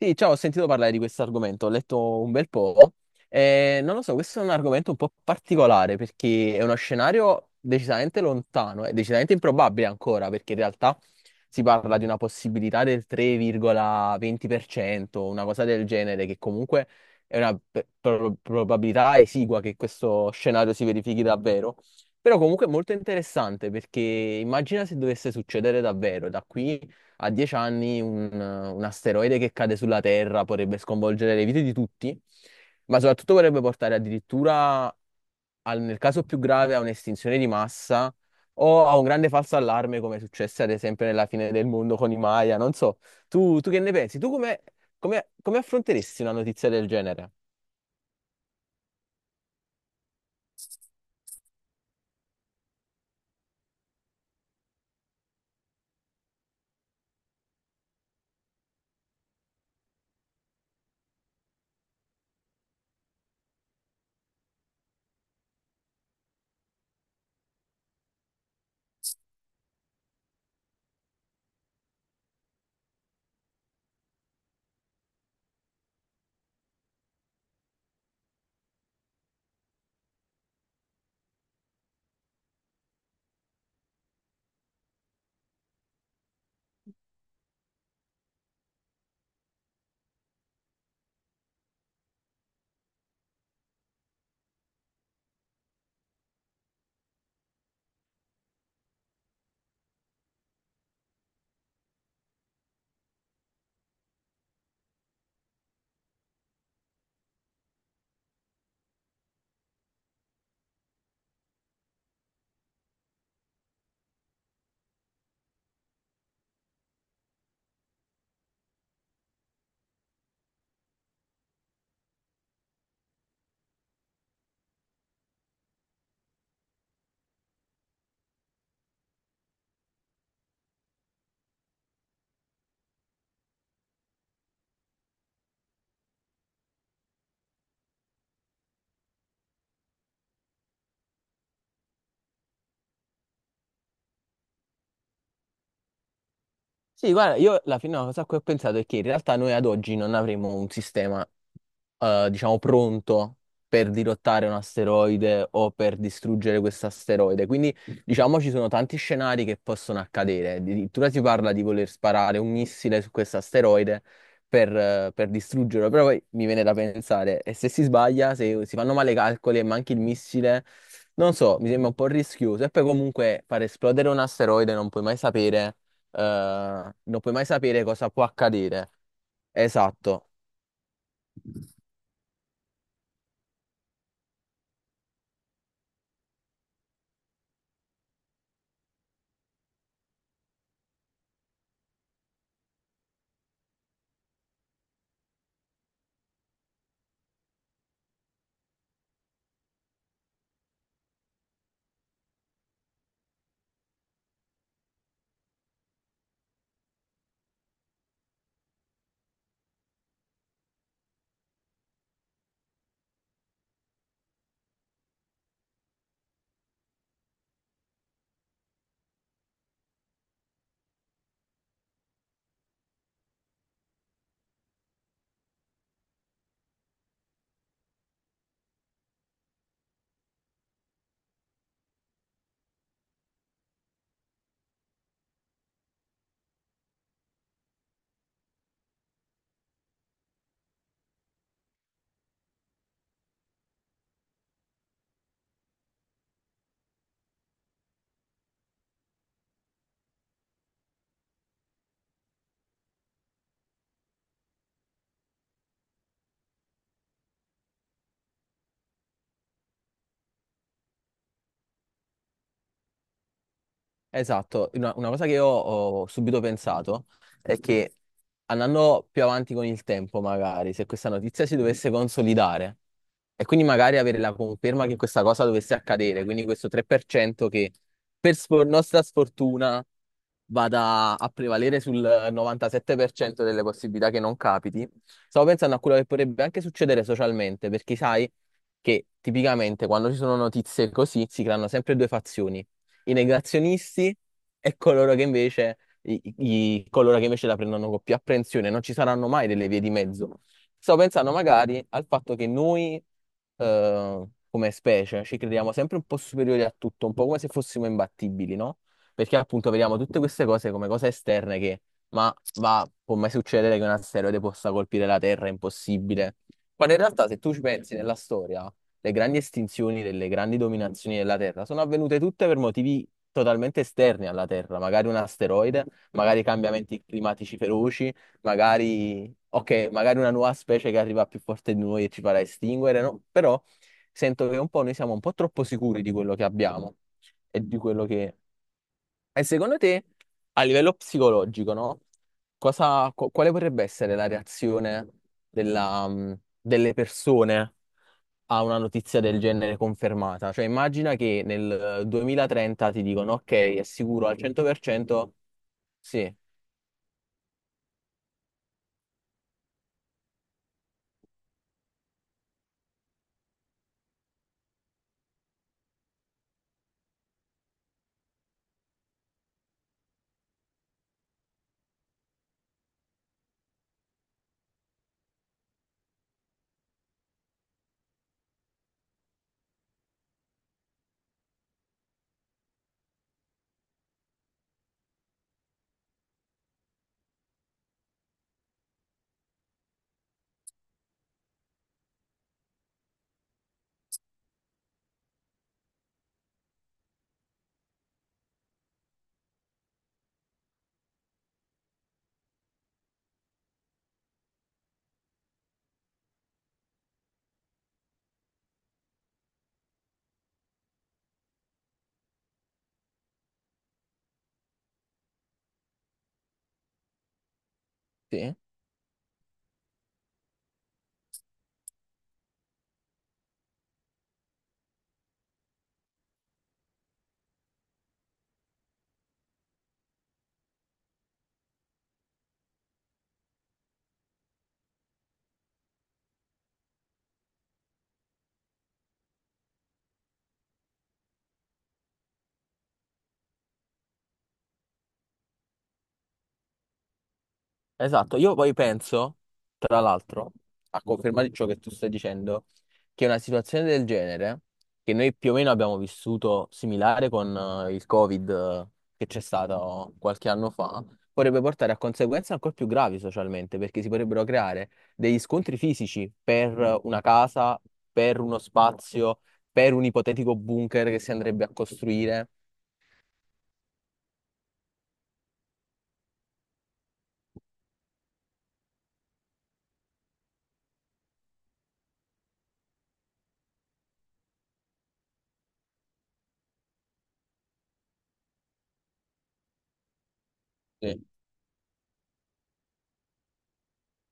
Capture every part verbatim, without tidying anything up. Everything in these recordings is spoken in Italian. Sì, ciao, ho sentito parlare di questo argomento, ho letto un bel po'. Eh, non lo so, questo è un argomento un po' particolare perché è uno scenario decisamente lontano e decisamente improbabile ancora, perché in realtà si parla di una possibilità del tre virgola venti per cento, una cosa del genere, che comunque è una pe- pro- probabilità esigua che questo scenario si verifichi davvero. Però comunque è molto interessante perché immagina se dovesse succedere davvero da qui a dieci anni un, un asteroide che cade sulla Terra potrebbe sconvolgere le vite di tutti, ma soprattutto potrebbe portare addirittura, al- nel caso più grave, a un'estinzione di massa o a un grande falso allarme, come successe ad esempio nella fine del mondo con i Maya. Non so, tu, tu che ne pensi? Tu come, come, come affronteresti una notizia del genere? Sì, guarda, io alla fine una cosa a cui ho pensato è che in realtà noi ad oggi non avremo un sistema, eh, diciamo, pronto per dirottare un asteroide o per distruggere questo asteroide. Quindi, diciamo, ci sono tanti scenari che possono accadere. Addirittura si parla di voler sparare un missile su questo asteroide per, eh, per distruggerlo. Però poi mi viene da pensare, e se si sbaglia, se si fanno male i calcoli e manchi il missile, non so, mi sembra un po' rischioso. E poi comunque far esplodere un asteroide non puoi mai sapere eh, non puoi mai sapere cosa può accadere. Esatto. Esatto, una, una cosa che io ho subito pensato è che andando più avanti con il tempo, magari, se questa notizia si dovesse consolidare e quindi magari avere la conferma che questa cosa dovesse accadere, quindi questo tre per cento che per sfor- nostra sfortuna vada a prevalere sul novantasette per cento delle possibilità che non capiti, stavo pensando a quello che potrebbe anche succedere socialmente, perché sai che tipicamente quando ci sono notizie così si creano sempre due fazioni, i negazionisti e coloro che invece, i- i- coloro che invece la prendono con più apprensione. Non ci saranno mai delle vie di mezzo. Stavo pensando magari al fatto che noi, eh, come specie, ci crediamo sempre un po' superiori a tutto, un po' come se fossimo imbattibili, no? Perché appunto vediamo tutte queste cose come cose esterne che, ma va, può mai succedere che un asteroide possa colpire la Terra, è impossibile. Quando in realtà, se tu ci pensi nella storia, le grandi estinzioni delle grandi dominazioni della Terra sono avvenute tutte per motivi totalmente esterni alla Terra, magari un asteroide, magari cambiamenti climatici feroci, magari, ok, magari una nuova specie che arriva più forte di noi e ci farà estinguere, no? Però sento che un po' noi siamo un po' troppo sicuri di quello che abbiamo e di quello che e secondo te, a livello psicologico, no? Cosa, qu- quale potrebbe essere la reazione della, mh, delle persone a una notizia del genere confermata? Cioè, immagina che nel eh, duemilatrenta ti dicono, ok, è sicuro al cento per cento, sì, sì. Esatto, io poi penso, tra l'altro, a conferma di ciò che tu stai dicendo, che una situazione del genere, che noi più o meno abbiamo vissuto similare con eh, il Covid eh, che c'è stato qualche anno fa, potrebbe portare a conseguenze ancora più gravi socialmente, perché si potrebbero creare degli scontri fisici per una casa, per uno spazio, per un ipotetico bunker che si andrebbe a costruire.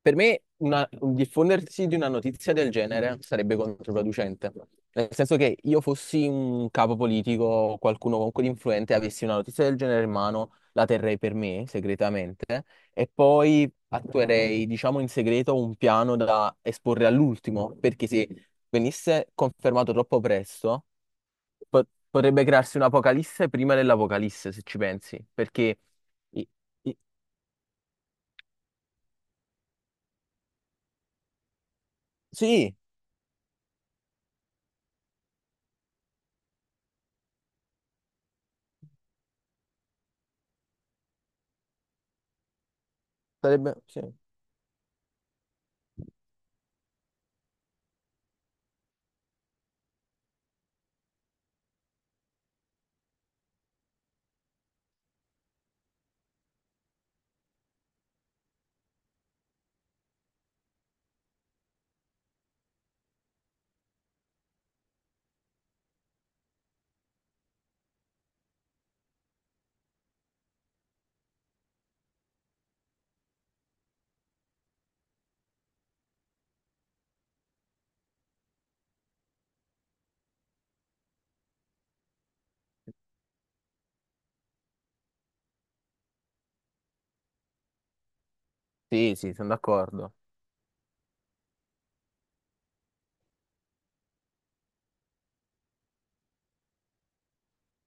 Per me una- un diffondersi di una notizia del genere sarebbe controproducente. Nel senso che io fossi un capo politico, o qualcuno comunque di influente, avessi una notizia del genere in mano, la terrei per me segretamente e poi attuerei, diciamo, in segreto un piano da esporre all'ultimo, perché se venisse confermato troppo presto, po- potrebbe crearsi un'apocalisse prima dell'apocalisse, se ci pensi, perché i- i- sì, sarebbe sì. Sì, sì, sono d'accordo.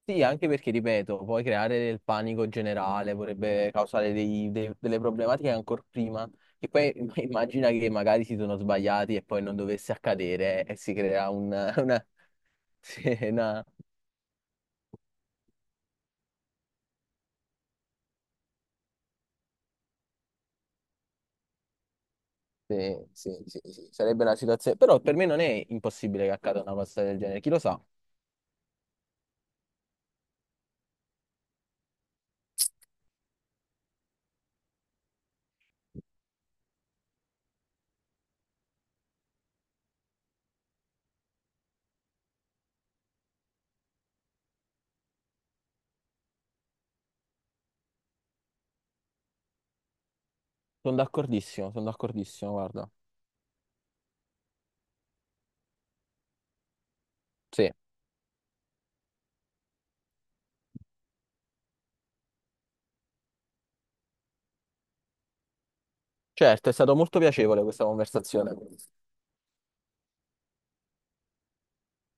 Sì, anche perché, ripeto, puoi creare del panico generale, potrebbe causare dei- dei- delle problematiche ancora prima, che poi immagina che magari si sono sbagliati e poi non dovesse accadere e si crea un, una... Sì, una- sì, sì, sì, sì, sarebbe una situazione... Però per me non è impossibile che accada una cosa del genere, chi lo sa? Sono d'accordissimo, sono d'accordissimo, guarda. Sì, certo, è stato molto piacevole questa conversazione.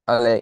A lei.